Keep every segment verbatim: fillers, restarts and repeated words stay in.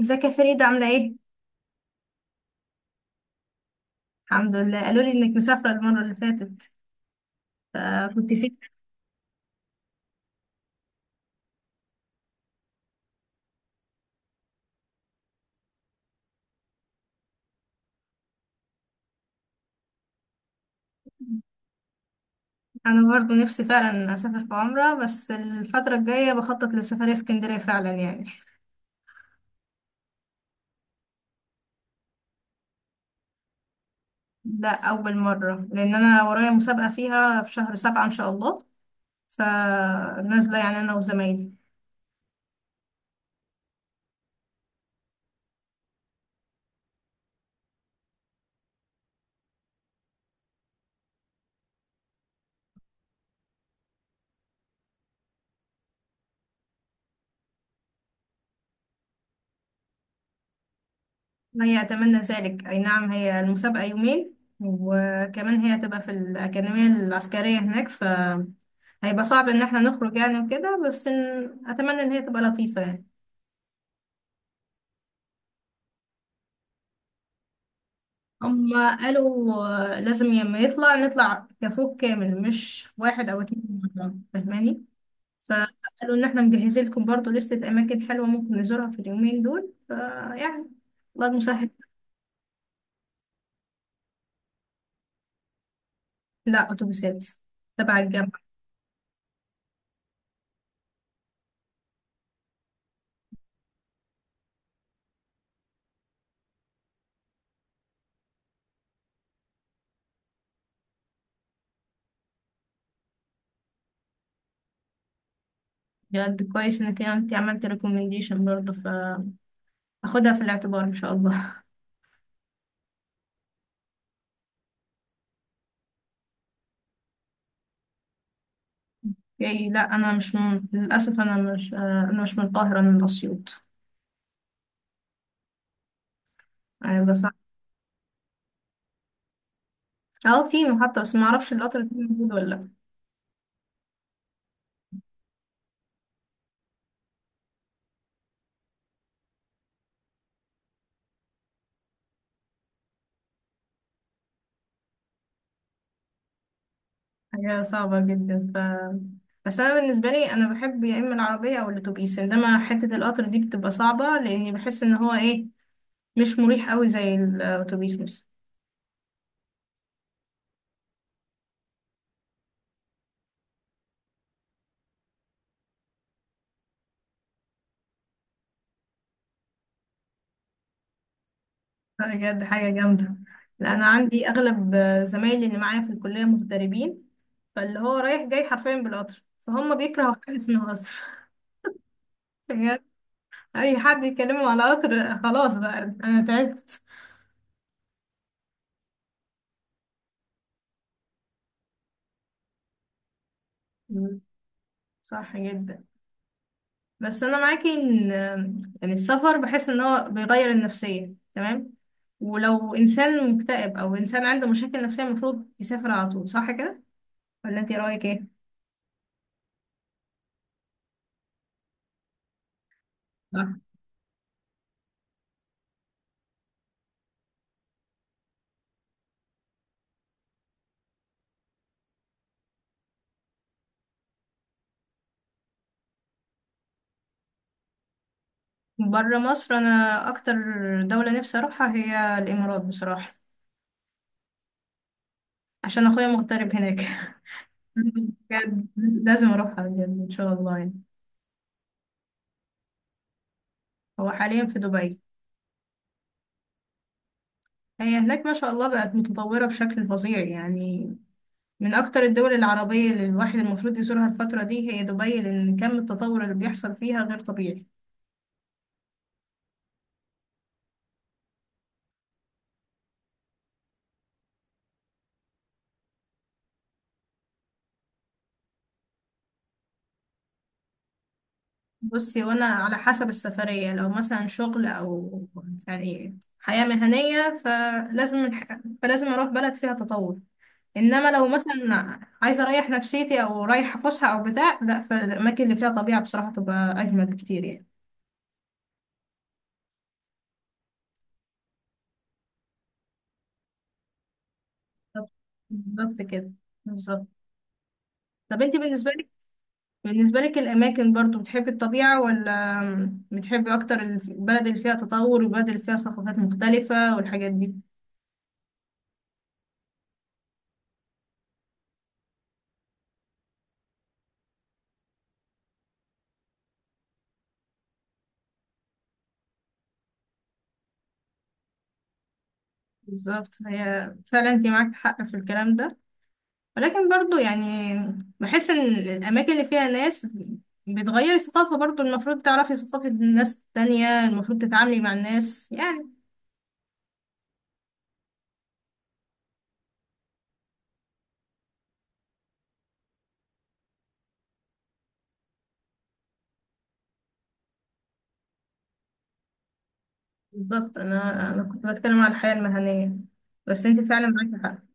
ازيك يا فريدة عاملة ايه؟ الحمد لله قالوا لي انك مسافرة المرة اللي فاتت فكنت فين؟ انا برضو نفسي فعلا اسافر في عمرة، بس الفترة الجاية بخطط لسفرية اسكندرية فعلا يعني. ده اول مرة لان انا ورايا مسابقة فيها في شهر سبعة ان شاء الله، فنازلة يعني انا وزمايلي. هي اتمنى ذلك، اي نعم هي المسابقة يومين، وكمان هي هتبقى في الأكاديمية العسكرية هناك، ف هيبقى صعب ان احنا نخرج يعني وكده، بس إن... اتمنى ان هي تبقى لطيفة يعني. هما قالوا آه، لازم لما يطلع نطلع كفوق كامل، مش واحد أو اتنين مع بعض، فاهماني؟ فقالوا إن احنا مجهزين لكم برضه لستة أماكن حلوة ممكن نزورها في اليومين دول، فيعني الله المسهل. لا، أتوبيسات تبع الجامعة. بجد كويس إنك أنت عملت ريكومنديشن برضه، فأخدها في الاعتبار إن شاء الله. يعني لا، أنا مش من... للأسف أنا مش آه، أنا مش من القاهرة، أنا من أسيوط. يعني بس. اه في محطة، بس معرفش القطر ده موجود ولا لأ. هي صعبة جدا ف بس أنا بالنسبة لي أنا بحب يا إما العربية أو الأتوبيس، إنما حتة القطر دي بتبقى صعبة لأني بحس إن هو إيه، مش مريح أوي زي الأتوبيس مثلا. بجد حاجة جامدة. لأ أنا عندي أغلب زمايلي اللي معايا في الكلية مغتربين، فاللي هو رايح جاي حرفيا بالقطر، فهم بيكرهوا حاجة اسمها قطر. بجد. أي حد يكلمه على قطر خلاص بقى، أنا تعبت. مم. صح جدا. بس انا معاكي ان يعني السفر بحس ان هو بيغير النفسية تمام، ولو انسان مكتئب او انسان عنده مشاكل نفسية المفروض يسافر على طول، صح كده ولا انت رايك ايه؟ صح. بره مصر انا اكتر دولة نفسي اروحها هي الامارات بصراحة. عشان اخويا مغترب هناك. بجد لازم اروحها بجد ان شاء الله يعني. هو حاليا في دبي. هي هناك ما شاء الله بقت متطورة بشكل فظيع يعني. من أكتر الدول العربية اللي الواحد المفروض يزورها الفترة دي هي دبي، لأن كم التطور اللي بيحصل فيها غير طبيعي. بصي، وأنا على حسب السفرية، لو مثلا شغل أو يعني حياة مهنية فلازم الح... فلازم أروح بلد فيها تطور. إنما لو مثلا عايزة أريح نفسيتي أو رايحة فسحة أو بتاع، لأ فالأماكن اللي فيها طبيعة بصراحة تبقى أجمل بكتير يعني. بالظبط. بالظبط كده. بالظبط. طب انت بالنسبة بالنسبة لك الأماكن برضو بتحبي الطبيعة، ولا بتحبي أكتر الف- البلد اللي فيها تطور والبلد اللي فيها ثقافات مختلفة والحاجات دي؟ بالظبط. هي فعلا انت معاك حق في الكلام ده، ولكن برضو يعني بحس إن الأماكن اللي فيها ناس بتغير الثقافة، برضو المفروض تعرفي ثقافة ناس تانية، المفروض تتعاملي مع الناس يعني. بالظبط. أنا أنا كنت بتكلم على الحياة المهنية، بس انت فعلا معاكي حق.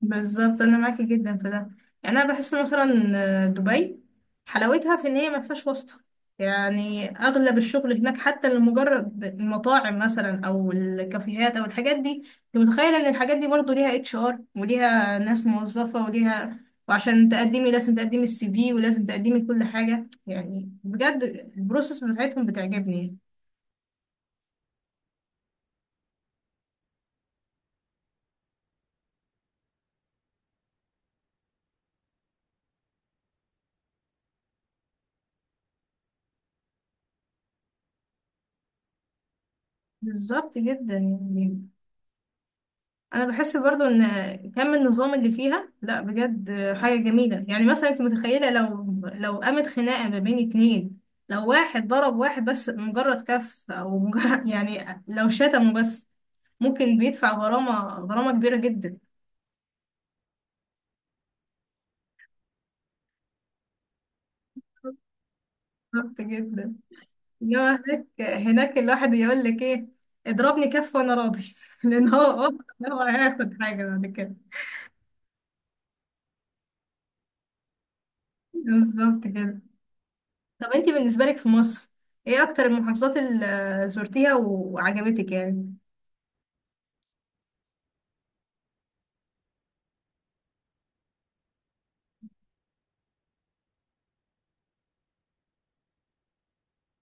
بالظبط انا معاكي جدا في ده. يعني انا بحس مثلا آه، دبي حلاوتها في ان هي ما فيهاش واسطه. يعني اغلب الشغل هناك، حتى لمجرد المطاعم مثلا او الكافيهات او الحاجات دي، انت متخيله ان الحاجات دي برضو ليها اتش ار وليها ناس موظفه وليها، وعشان تقدمي لازم تقدمي السي في ولازم تقدمي كل حاجه يعني. بجد البروسيس بتاعتهم بتعجبني. بالظبط جدا يعني. انا بحس برضو ان كم النظام اللي فيها، لا بجد حاجه جميله يعني. مثلا انت متخيله لو لو قامت خناقه ما بين اتنين، لو واحد ضرب واحد بس مجرد كف او مجرد يعني لو شتمه بس، ممكن بيدفع غرامه، غرامه كبيره جدا. بالظبط جدا. انما هناك، هناك الواحد يقول لك ايه، اضربني كف وانا راضي، لان هو واثق إن هو هياخد حاجه بعد كده. بالظبط كده. طب انتي بالنسبة لك في مصر ايه اكتر المحافظات اللي زرتيها وعجبتك يعني؟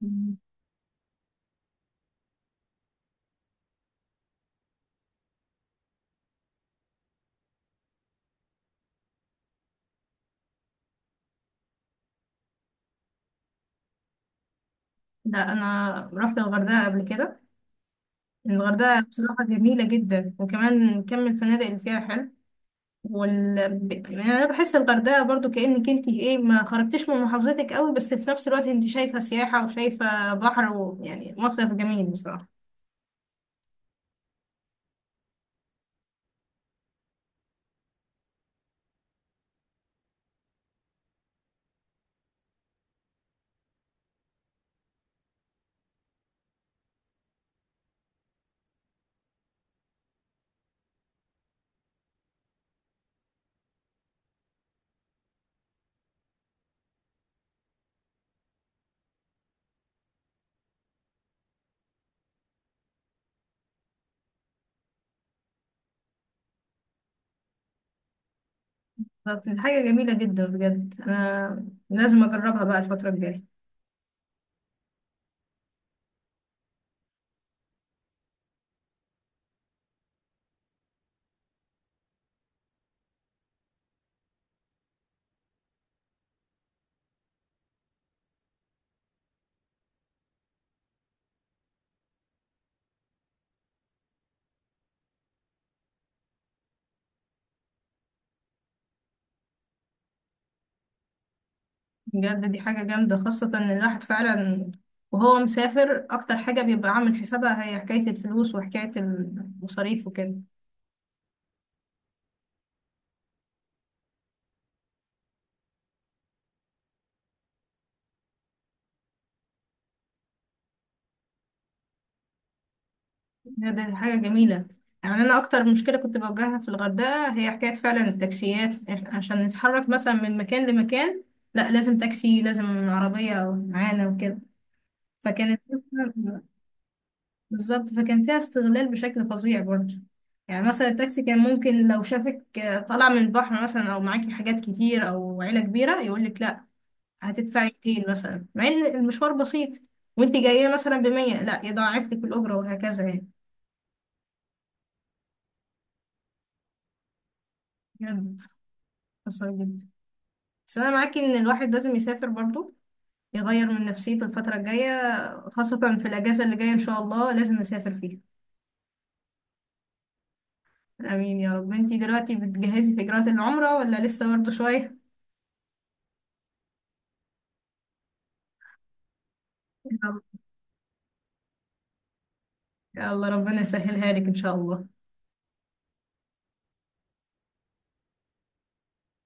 مم. لا انا رحت الغردقة قبل كده. الغردقة بصراحة جميلة جدا، وكمان كم الفنادق اللي فيها حلو. وال... ب- يعني انا بحس الغردقة برضو كأنك انتي ايه ما خرجتيش من محافظتك قوي، بس في نفس الوقت انتي شايفة سياحة وشايفة بحر، ويعني مصيف جميل بصراحة. فكانت حاجة جميلة جدا بجد، انا لازم اجربها بقى الفترة الجاية. بجد دي حاجة جامدة، خاصة إن الواحد فعلا وهو مسافر أكتر حاجة بيبقى عامل حسابها هي حكاية الفلوس وحكاية المصاريف وكده. بجد دي حاجة جميلة. يعني أنا أكتر مشكلة كنت بواجهها في الغردقة هي حكاية فعلا التاكسيات، إح- عشان نتحرك مثلا من مكان لمكان لا لازم تاكسي، لازم عربية معانا وكده. فكانت بالظبط. فكان فيها استغلال بشكل فظيع برضه. يعني مثلا التاكسي كان ممكن لو شافك آه، طالع من البحر مثلا او معاكي حاجات كتير او عيلة كبيرة، يقول لك لا هتدفعي مئتين مثلا، مع ان المشوار بسيط وانت جاية مثلا ب مية، لا يضاعف لك الأجرة وهكذا يعني. بجد خسارة جدا. بس انا معاكي ان الواحد لازم يسافر برضه، يغير من نفسيته الفترة الجاية، خاصة في الأجازة اللي جاية إن شاء الله لازم نسافر فيها. آمين يا رب. انتي دلوقتي بتجهزي في إجراءات العمرة ولا لسه برضه شوية؟ يا الله ربنا يسهلها لك ان شاء الله.